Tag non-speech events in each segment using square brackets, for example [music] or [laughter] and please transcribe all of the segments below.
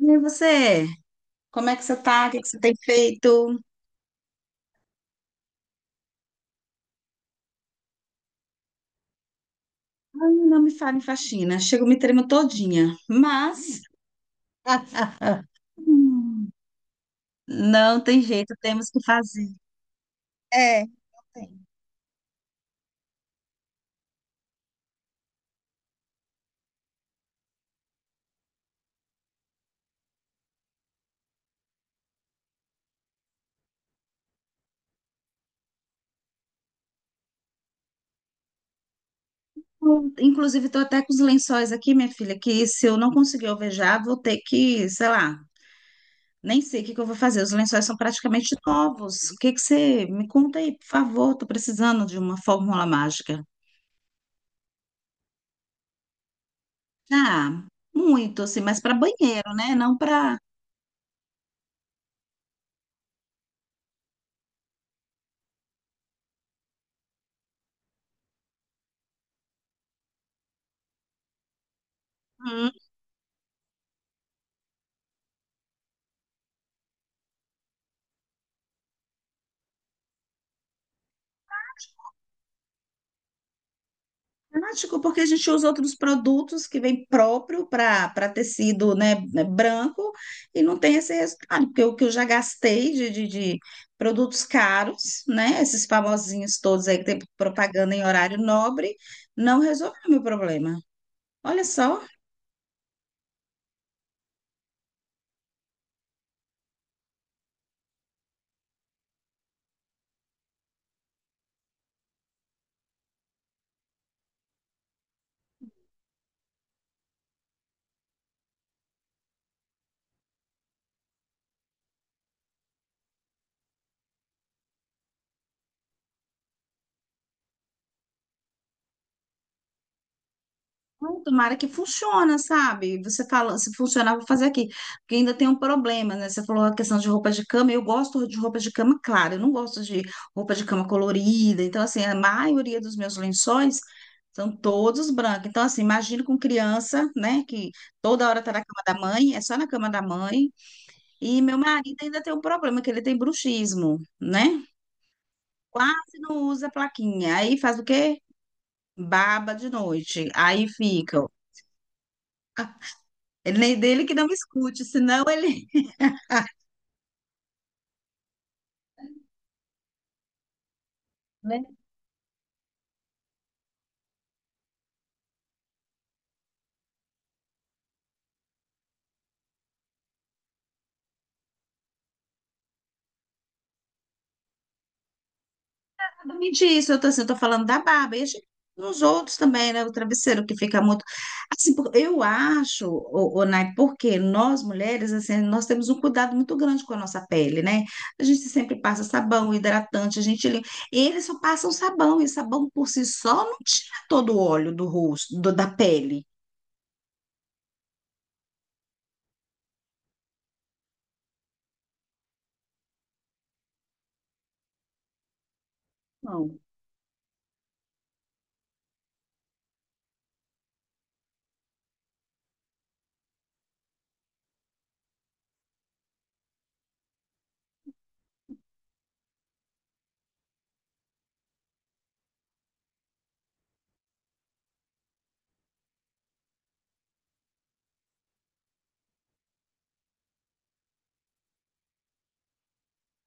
E você? Como é que você tá? O que que você tem feito? Ai, não me fale em faxina. Chego, me tremo todinha. Mas [laughs] não tem jeito, temos que fazer. É, não tem. Inclusive, estou até com os lençóis aqui, minha filha, que se eu não conseguir alvejar, vou ter que, sei lá, nem sei o que que eu vou fazer. Os lençóis são praticamente novos. O que que você me conta aí, por favor? Tô precisando de uma fórmula mágica. Ah, muito, assim, mas para banheiro, né? Não para. Prático, porque a gente usa outros produtos que vem próprio para tecido, né, branco e não tem esse resultado, porque o que eu já gastei de produtos caros, né, esses famosinhos todos aí que tem propaganda em horário nobre, não resolveu o meu problema. Olha só. Ai, tomara que funciona, sabe? Você fala, se funcionar, vou fazer aqui. Porque ainda tem um problema, né? Você falou a questão de roupa de cama. Eu gosto de roupa de cama clara, eu não gosto de roupa de cama colorida. Então, assim, a maioria dos meus lençóis são todos brancos. Então, assim, imagino com criança, né? Que toda hora tá na cama da mãe, é só na cama da mãe. E meu marido ainda tem um problema, que ele tem bruxismo, né? Quase não usa plaquinha. Aí faz o quê? Baba de noite. Aí fica. Ele nem dele que não me escute, senão ele. [laughs] né? Não me diz, eu tô assim, eu tô falando da barba, e a gente- nos outros também, né? O travesseiro que fica muito. Assim, por- eu acho, o, Nai, porque nós mulheres, assim, nós temos um cuidado muito grande com a nossa pele, né? A gente sempre passa sabão, hidratante, a gente limpa. Eles só passam sabão, e sabão por si só não tira todo o óleo do rosto, do- da pele. Não.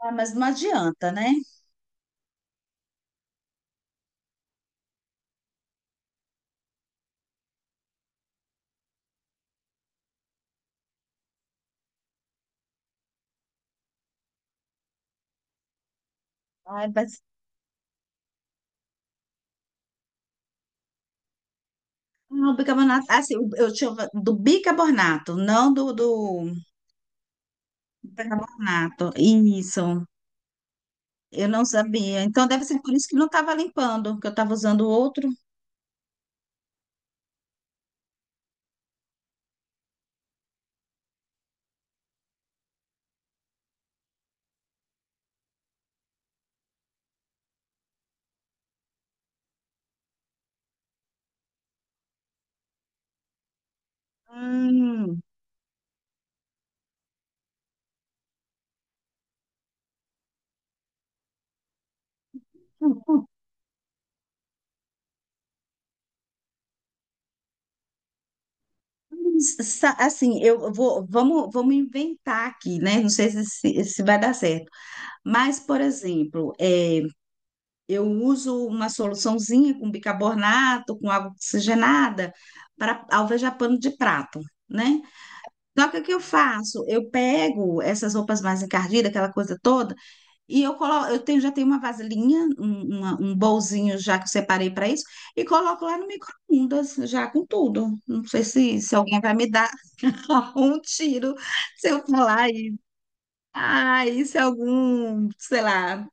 Ah, mas não adianta, né? Ai, vai. Não, o bicarbonato, assim, o- eu tinha do bicarbonato, não do percarbonato. Isso, eu não sabia. Então deve ser por isso que não estava limpando, que eu estava usando outro. Hum. [laughs] Sa- assim, eu vou, vamos inventar aqui, né? Não sei se, se vai dar certo. Mas, por exemplo, é, eu uso uma soluçãozinha com bicarbonato, com água oxigenada, para alvejar pano de prato, né? Só que o que eu faço? Eu pego essas roupas mais encardidas, aquela coisa toda, e eu coloco, eu tenho, já tenho uma vasilhinha, um, uma- um bolzinho já que eu separei para isso, e coloco lá no micro-ondas, já com tudo. Não sei se, se alguém vai me dar [laughs] um tiro se eu falar isso. Ah, isso é algum, sei lá,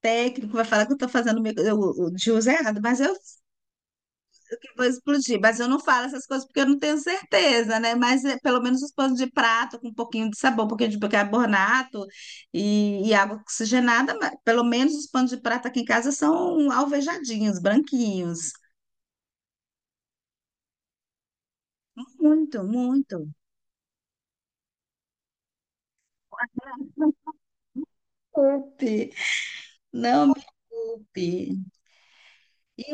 técnico vai falar que eu estou fazendo o micro- eu- de uso errado, mas eu vou explodir, mas eu não falo essas coisas porque eu não tenho certeza, né? Mas é, pelo menos os panos de prato com um pouquinho de sabor, um pouquinho de bicarbonato e água oxigenada, mas pelo menos os panos de prato aqui em casa são alvejadinhos, branquinhos. Muito, muito. Desculpe. Não me culpe. E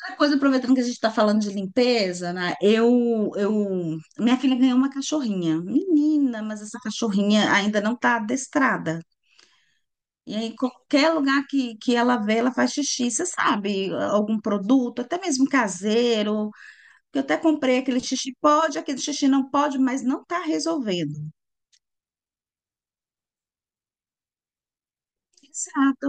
outra coisa, aproveitando que a gente está falando de limpeza, né? Eu, minha filha ganhou uma cachorrinha, menina, mas essa cachorrinha ainda não está adestrada. E aí, qualquer lugar que ela vê, ela faz xixi, você sabe, algum produto, até mesmo caseiro, que eu até comprei aquele xixi pode, aquele xixi não pode, mas não está resolvendo. Exato.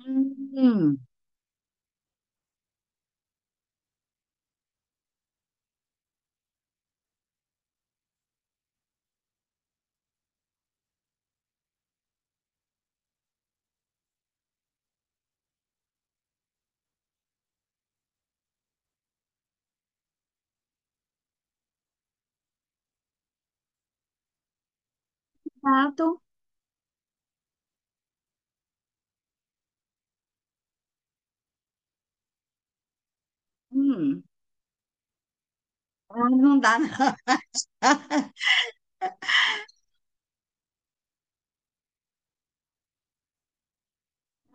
Hum, exato. Hum, ah, não dá,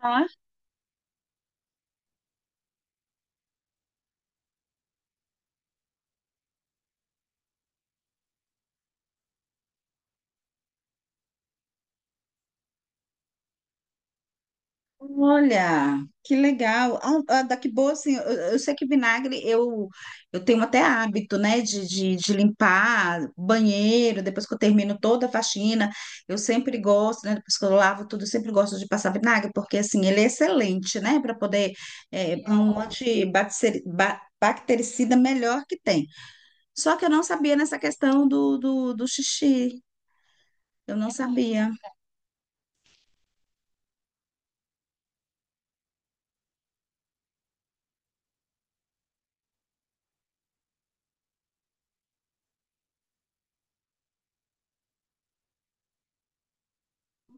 não. Olha, que legal. Ah, ah, daqui boa, assim, eu sei que vinagre eu tenho até hábito, né, de limpar banheiro, depois que eu termino toda a faxina, eu sempre gosto, né, depois que eu lavo tudo, eu sempre gosto de passar vinagre, porque, assim, ele é excelente, né, para poder, é é um antibacteri- ba- bactericida melhor que tem. Só que eu não sabia nessa questão do xixi, eu não sabia.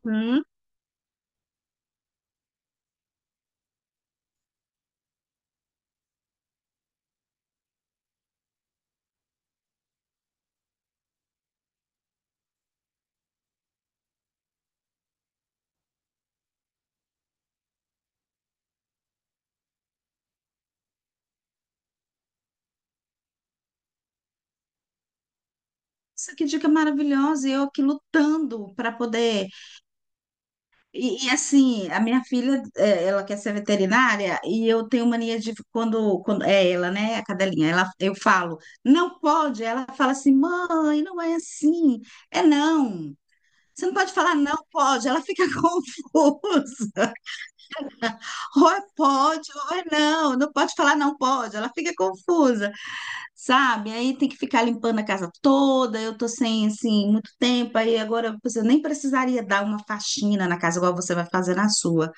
Hum. Isso que dica maravilhosa! E eu aqui lutando para poder. E, assim, a minha filha, é, ela quer ser veterinária e eu tenho mania de quando, quando é ela, né, a cadelinha, ela, eu falo, não pode, ela fala assim, mãe, não é assim, é não. Você não pode falar não pode, ela fica [laughs] confusa. Ou é pode, ou é não, não pode falar não pode, ela fica confusa, sabe? Aí tem que ficar limpando a casa toda, eu tô sem, assim, muito tempo, aí agora você nem precisaria dar uma faxina na casa igual você vai fazer na sua.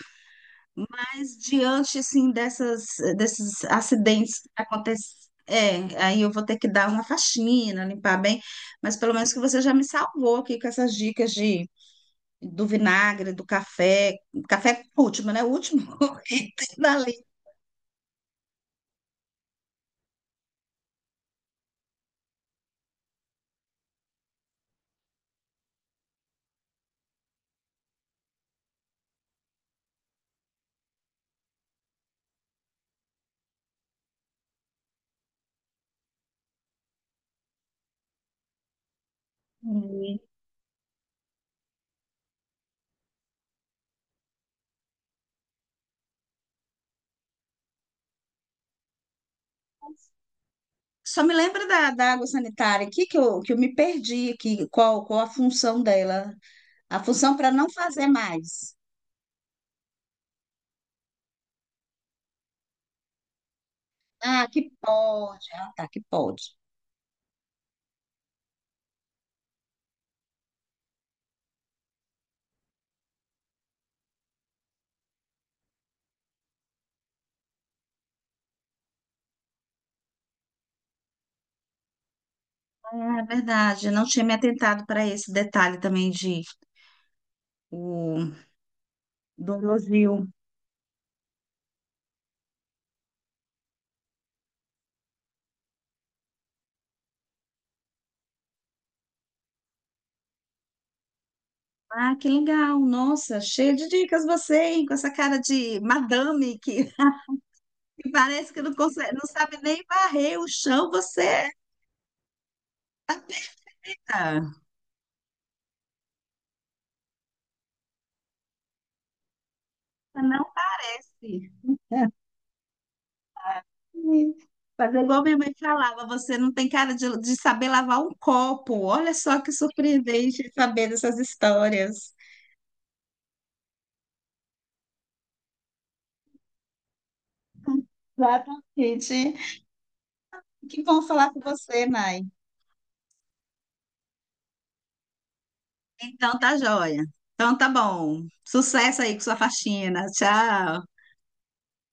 Mas diante, assim, dessas, desses acidentes que acontecem, é, aí eu vou ter que dar uma faxina, limpar bem, mas pelo menos que você já me salvou aqui com essas dicas de, do vinagre, do café, café último, né? O último [laughs] item da lista. Uhum. Só me lembra da, da água sanitária aqui, que eu me perdi aqui, qual, qual a função dela? A função para não fazer mais. Ah, que pode. Ah, tá, que pode. É verdade, eu não tinha me atentado para esse detalhe também de o, do elogio. Ah, que legal! Nossa, cheia de dicas você, hein? Com essa cara de madame que parece que não consegue, não sabe nem varrer o chão, você é. Não parece. [laughs] Fazer igual minha mãe falava, você não tem cara de saber lavar um copo. Olha só que surpreendente saber dessas histórias. Exatamente. Que bom falar com você, Nai. Então tá joia. Então tá bom. Sucesso aí com sua faxina. Tchau.